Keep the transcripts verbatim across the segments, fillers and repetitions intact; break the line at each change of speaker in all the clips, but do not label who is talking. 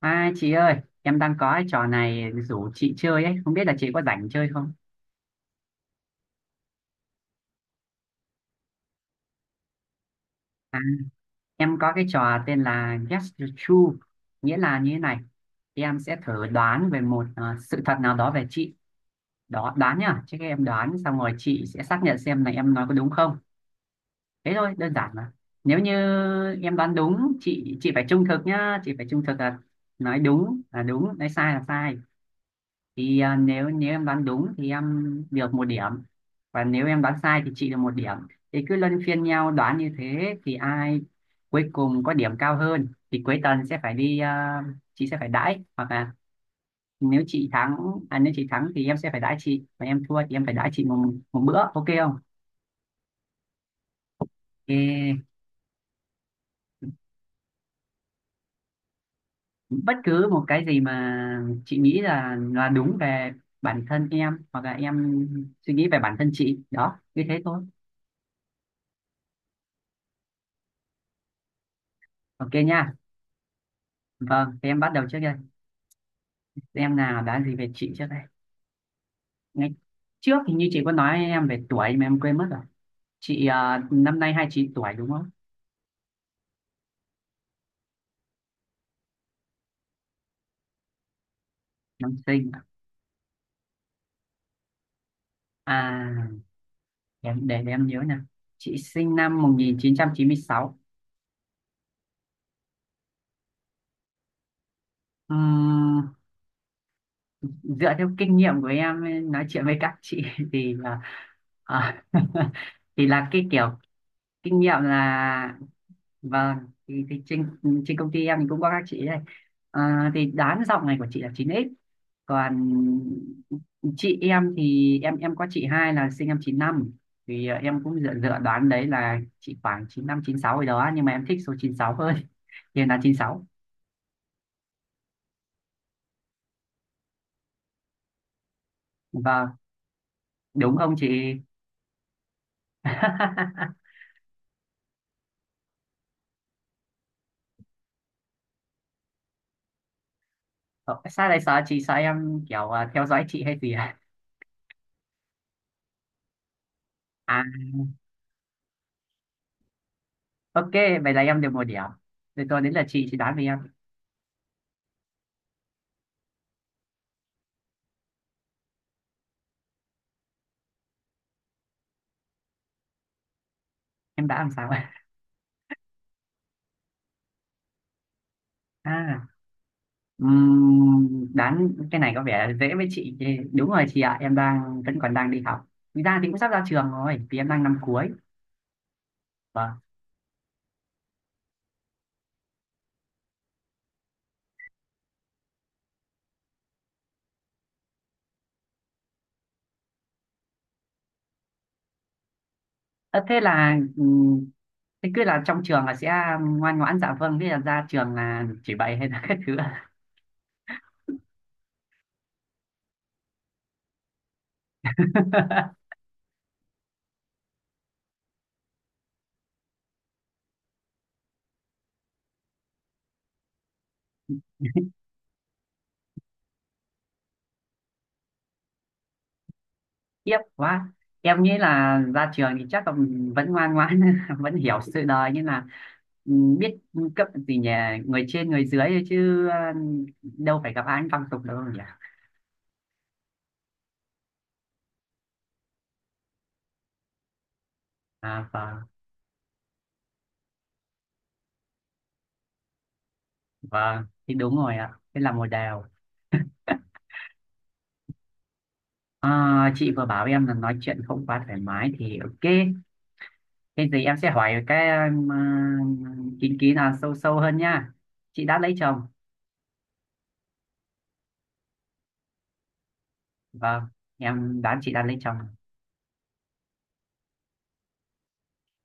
À chị ơi, em đang có cái trò này rủ chị chơi ấy, không biết là chị có rảnh chơi không? À, em có cái trò tên là Guess the Truth, nghĩa là như thế này. Em sẽ thử đoán về một ờ, sự thật nào đó về chị. Đó, đoán nhá, chứ các em đoán xong rồi chị sẽ xác nhận xem là em nói có đúng không. Thế thôi, đơn giản mà. Nếu như em đoán đúng, chị chị phải trung thực nhá, chị phải trung thực là nói đúng là đúng, nói sai là sai. Thì à, nếu nếu em đoán đúng thì em được một điểm, và nếu em đoán sai thì chị được một điểm. Thì cứ luân phiên nhau đoán như thế, thì ai cuối cùng có điểm cao hơn thì cuối tuần sẽ phải đi, à, chị sẽ phải đãi. Hoặc là nếu chị thắng, à, nếu chị thắng thì em sẽ phải đãi chị, và em thua thì em phải đãi chị một, một bữa, ok không? Ê, bất cứ một cái gì mà chị nghĩ là là đúng về bản thân em, hoặc là em suy nghĩ về bản thân chị, đó như thế thôi. Ok nha. Vâng, thì em bắt đầu trước đây. Em nào đoán gì về chị trước đây? Ngay trước thì như chị có nói em về tuổi mà em quên mất rồi. Chị ờ, năm nay hai mươi chín tuổi đúng không? Năm sinh. À, em để, để em nhớ nè. Chị sinh năm một chín chín sáu. Ừm, dựa theo kinh nghiệm của em nói chuyện với các chị thì là à, thì là cái kiểu kinh nghiệm là. Vâng, thì, thì trên, trên công ty em thì cũng có các chị đây. À, thì đán giọng này của chị là chín x. Còn chị em thì em em có chị hai là sinh năm chín lăm. Thì à, em cũng dựa, dựa đoán đấy là chị khoảng chín lăm chín sáu rồi đó. Nhưng mà em thích số chín sáu hơn. Thì em là chín sáu. Vâng, đúng không chị? Ờ, sao lại sợ chị? Sợ em kiểu à, theo dõi chị hay gì à? À, ok, vậy là em được một điểm. Rồi tôi đến là chị, chị đoán về em. Em đã làm sao? À. Ừm, đoán cái này có vẻ dễ với chị. Thì đúng rồi chị ạ, em đang vẫn còn đang đi học. Thực ra thì cũng sắp ra trường rồi vì em đang năm cuối. Vâng. Ờ, thế là ừm, thế cứ là trong trường là sẽ ngoan ngoãn dạ vâng, thế là ra trường là chỉ bày hay là các thứ ạ? Tiếc quá, em nghĩ là ra trường thì chắc là vẫn ngoan ngoãn vẫn hiểu sự đời, nhưng là ừm, biết cấp gì nhỉ, người trên người dưới thôi, chứ ờ, đâu phải gặp ai cũng văng tục đâu nhỉ. À, vâng. Vâng, thì đúng rồi ạ. Thế là một đều. À, chị vừa bảo em là nói chuyện không quá thoải mái thì ok. Thế thì em sẽ hỏi cái um, uh, kín kỹ là sâu sâu hơn nha. Chị đã lấy chồng. Vâng, em đoán chị đã lấy chồng.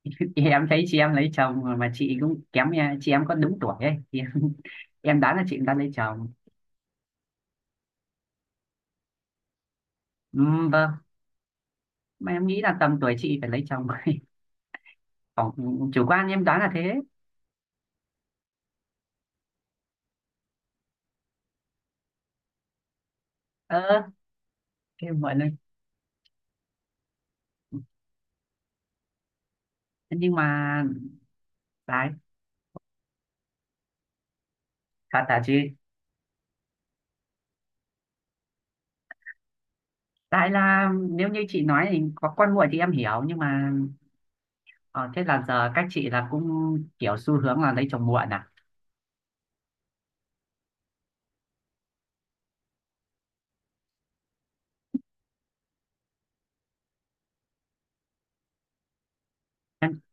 Em thấy chị em lấy chồng mà mà chị cũng kém nha. Chị em có đúng tuổi ấy. Thì em, em đoán là chị cũng đã lấy chồng. Ừm, vâng, mà em nghĩ là tầm tuổi chị phải lấy chồng. Còn chủ quan em đoán là thế. Ờ, thế mọi người. Nhưng mà đấy, thật hả chị? Tại là nếu như chị nói thì có con muộn thì em hiểu, nhưng mà ờ, thế là giờ các chị là cũng kiểu xu hướng là lấy chồng muộn à?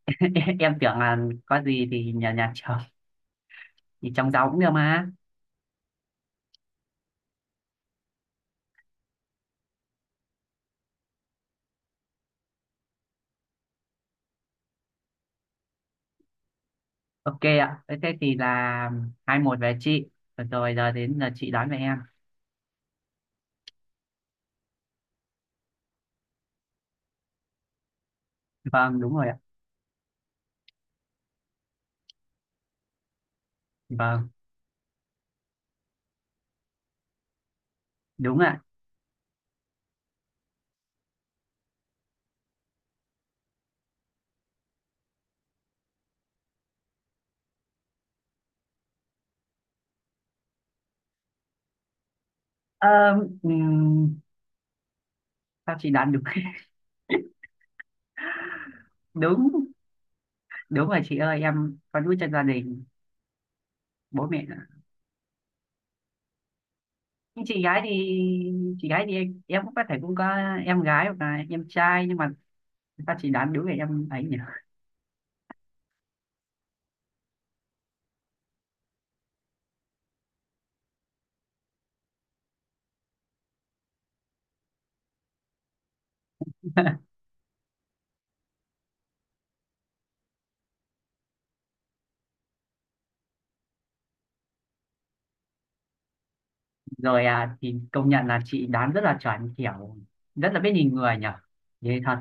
Em tưởng là có gì thì nhà nhà chồng, thì chồng giàu cũng được mà. Ok ạ, thế thế thì là hai một về chị. Rồi, rồi giờ đến là chị đoán về em. Vâng, đúng rồi ạ. Vâng, đúng ạ. Ờ, ừm, sao chị đoán đúng? đúng đúng rồi chị ơi, em có nuôi trong gia đình, bố mẹ. Nhưng chị gái thì chị gái thì em, em cũng có thể cũng có em gái hoặc là em trai, nhưng mà người ta chỉ đoán đúng về em ấy nhỉ. Rồi, à, thì công nhận là chị đoán rất là chuẩn, kiểu rất là biết nhìn người nhỉ, thế thật.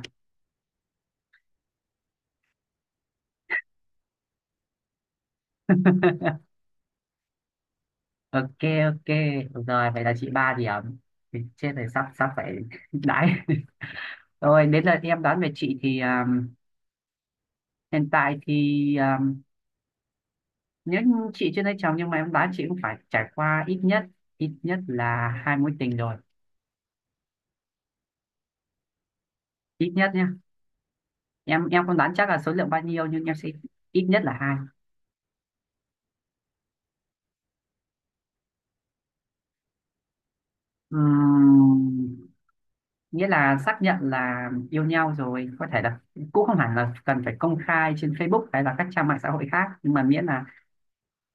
Ok, ok rồi, vậy là chị ba điểm. Thì chết rồi, sắp sắp phải đãi. Rồi đến lượt em đoán về chị thì um, hiện tại thì um, nếu như chị chưa lấy chồng, nhưng mà em đoán chị cũng phải trải qua ít nhất, ít nhất là hai mối tình rồi. Ít nhất nhé, em em không đoán chắc là số lượng bao nhiêu, nhưng em sẽ ít nhất là hai. Ừm, nghĩa là xác nhận là yêu nhau rồi, có thể là cũng không hẳn là cần phải công khai trên Facebook hay là các trang mạng xã hội khác, nhưng mà miễn là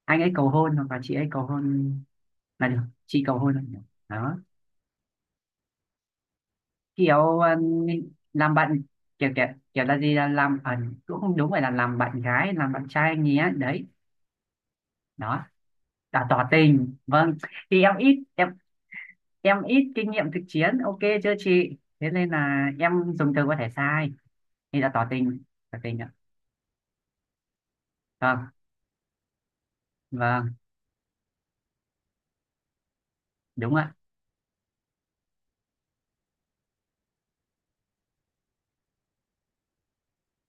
anh ấy cầu hôn hoặc là chị ấy cầu hôn là được, chị cầu hôn là được, đó. Kiểu ừm, làm bạn, kiểu kiểu kiểu là gì, là làm à, cũng không đúng, phải là làm bạn gái làm bạn trai anh ấy đấy. Đó là tỏ tình, vâng. Thì em ít, em em ít kinh nghiệm thực chiến, ok chưa chị, thế nên là em dùng từ có thể sai. Thì đã tỏ tình tỏ tình ạ. Vâng. Vâng, đúng ạ.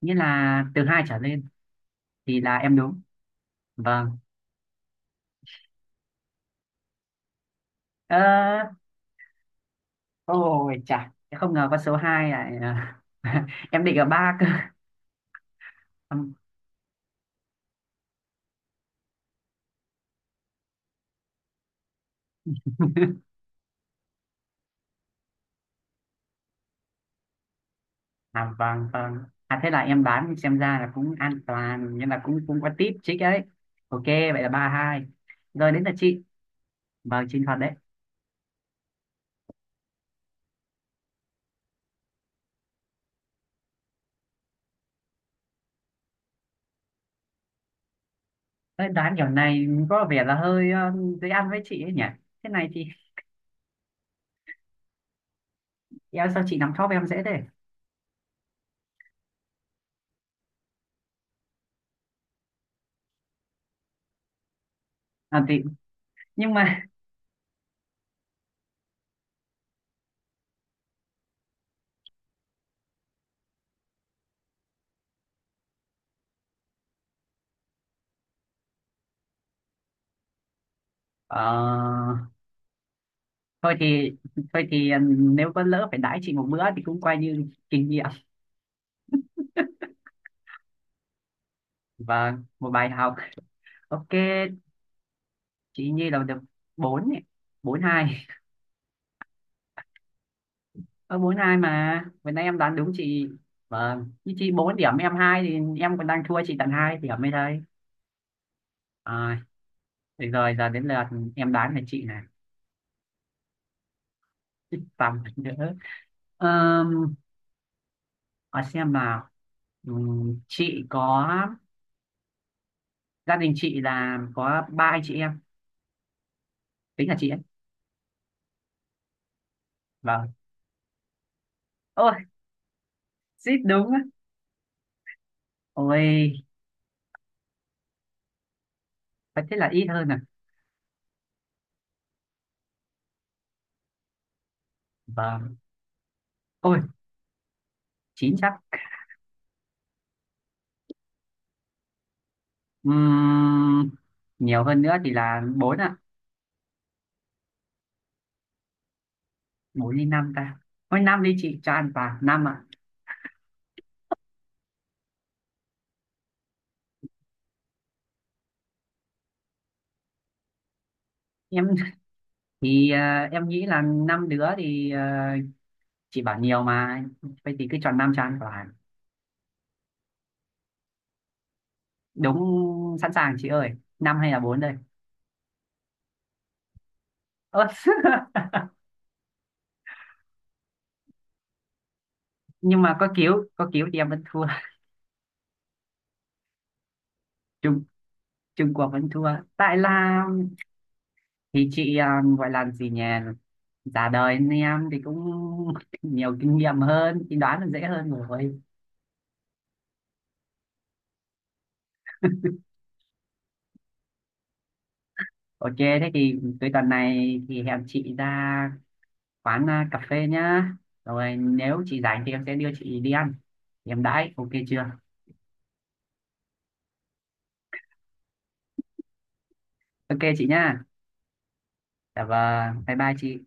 Nghĩa là từ hai trở lên. Thì là em đúng. Vâng. ờ, ôi chà, em không ngờ con số hai lại à, em định ở ba cơ. Ừm, à vâng, vâng, à thế là em đoán xem ra là cũng an toàn, nhưng là cũng cũng có tip chích ấy. Ok, vậy là ba hai. Rồi đến là chị. Vâng, chinh phạt đấy. Đấy, đoán kiểu này có vẻ là hơi ờ, dễ ăn với chị ấy nhỉ, thế này thì em, sao chị nắm top em dễ thế. à, thì, nhưng mà ờ, thôi thì, thôi thì ừ, nếu có lỡ phải đãi chị một bữa thì cũng coi như kinh nghiệm và một bài học. Ok, chị Nhi là được bốn ấy. Bốn hai. Ở bốn hai mà vừa nãy em đoán đúng chị. Vâng, như chị bốn điểm em hai thì em còn đang thua chị tận hai điểm mới đây. à, được rồi, giờ đến lượt em đoán về chị này. Thích tắm nữa. Ờm, hỏi xem nào. Ừm, chị có, gia đình chị là có ba anh chị em, tính là chị ấy. Vâng. Ôi, xít đúng á. Ôi, phải thế là ít hơn à? Vâng, ôi chín chắc. Ừm, nhiều hơn nữa thì là bốn ạ. Bốn đi, năm ta. Ôi năm đi, chị cho ăn vào năm ạ. Em thì ờ, em nghĩ là năm đứa thì ờ, chị bảo nhiều mà, vậy thì cứ chọn năm cho ăn vào. Đúng, sẵn sàng chị ơi. Năm hay là bốn đây. Ơ. Nhưng mà có cứu, có cứu thì em vẫn thua. Trung Trung Quốc vẫn thua. Tại là, thì chị à, gọi là gì nhỉ, già đời nên em thì cũng nhiều kinh nghiệm hơn thì đoán là dễ hơn rồi. Ok, thế thì cuối tuần này thì hẹn chị ra quán à, cà phê nhá. Rồi nếu chị rảnh thì em sẽ đưa chị đi ăn, thì em đãi, ok chưa? Ok chị nhá. Dạ vâng, bye bye chị.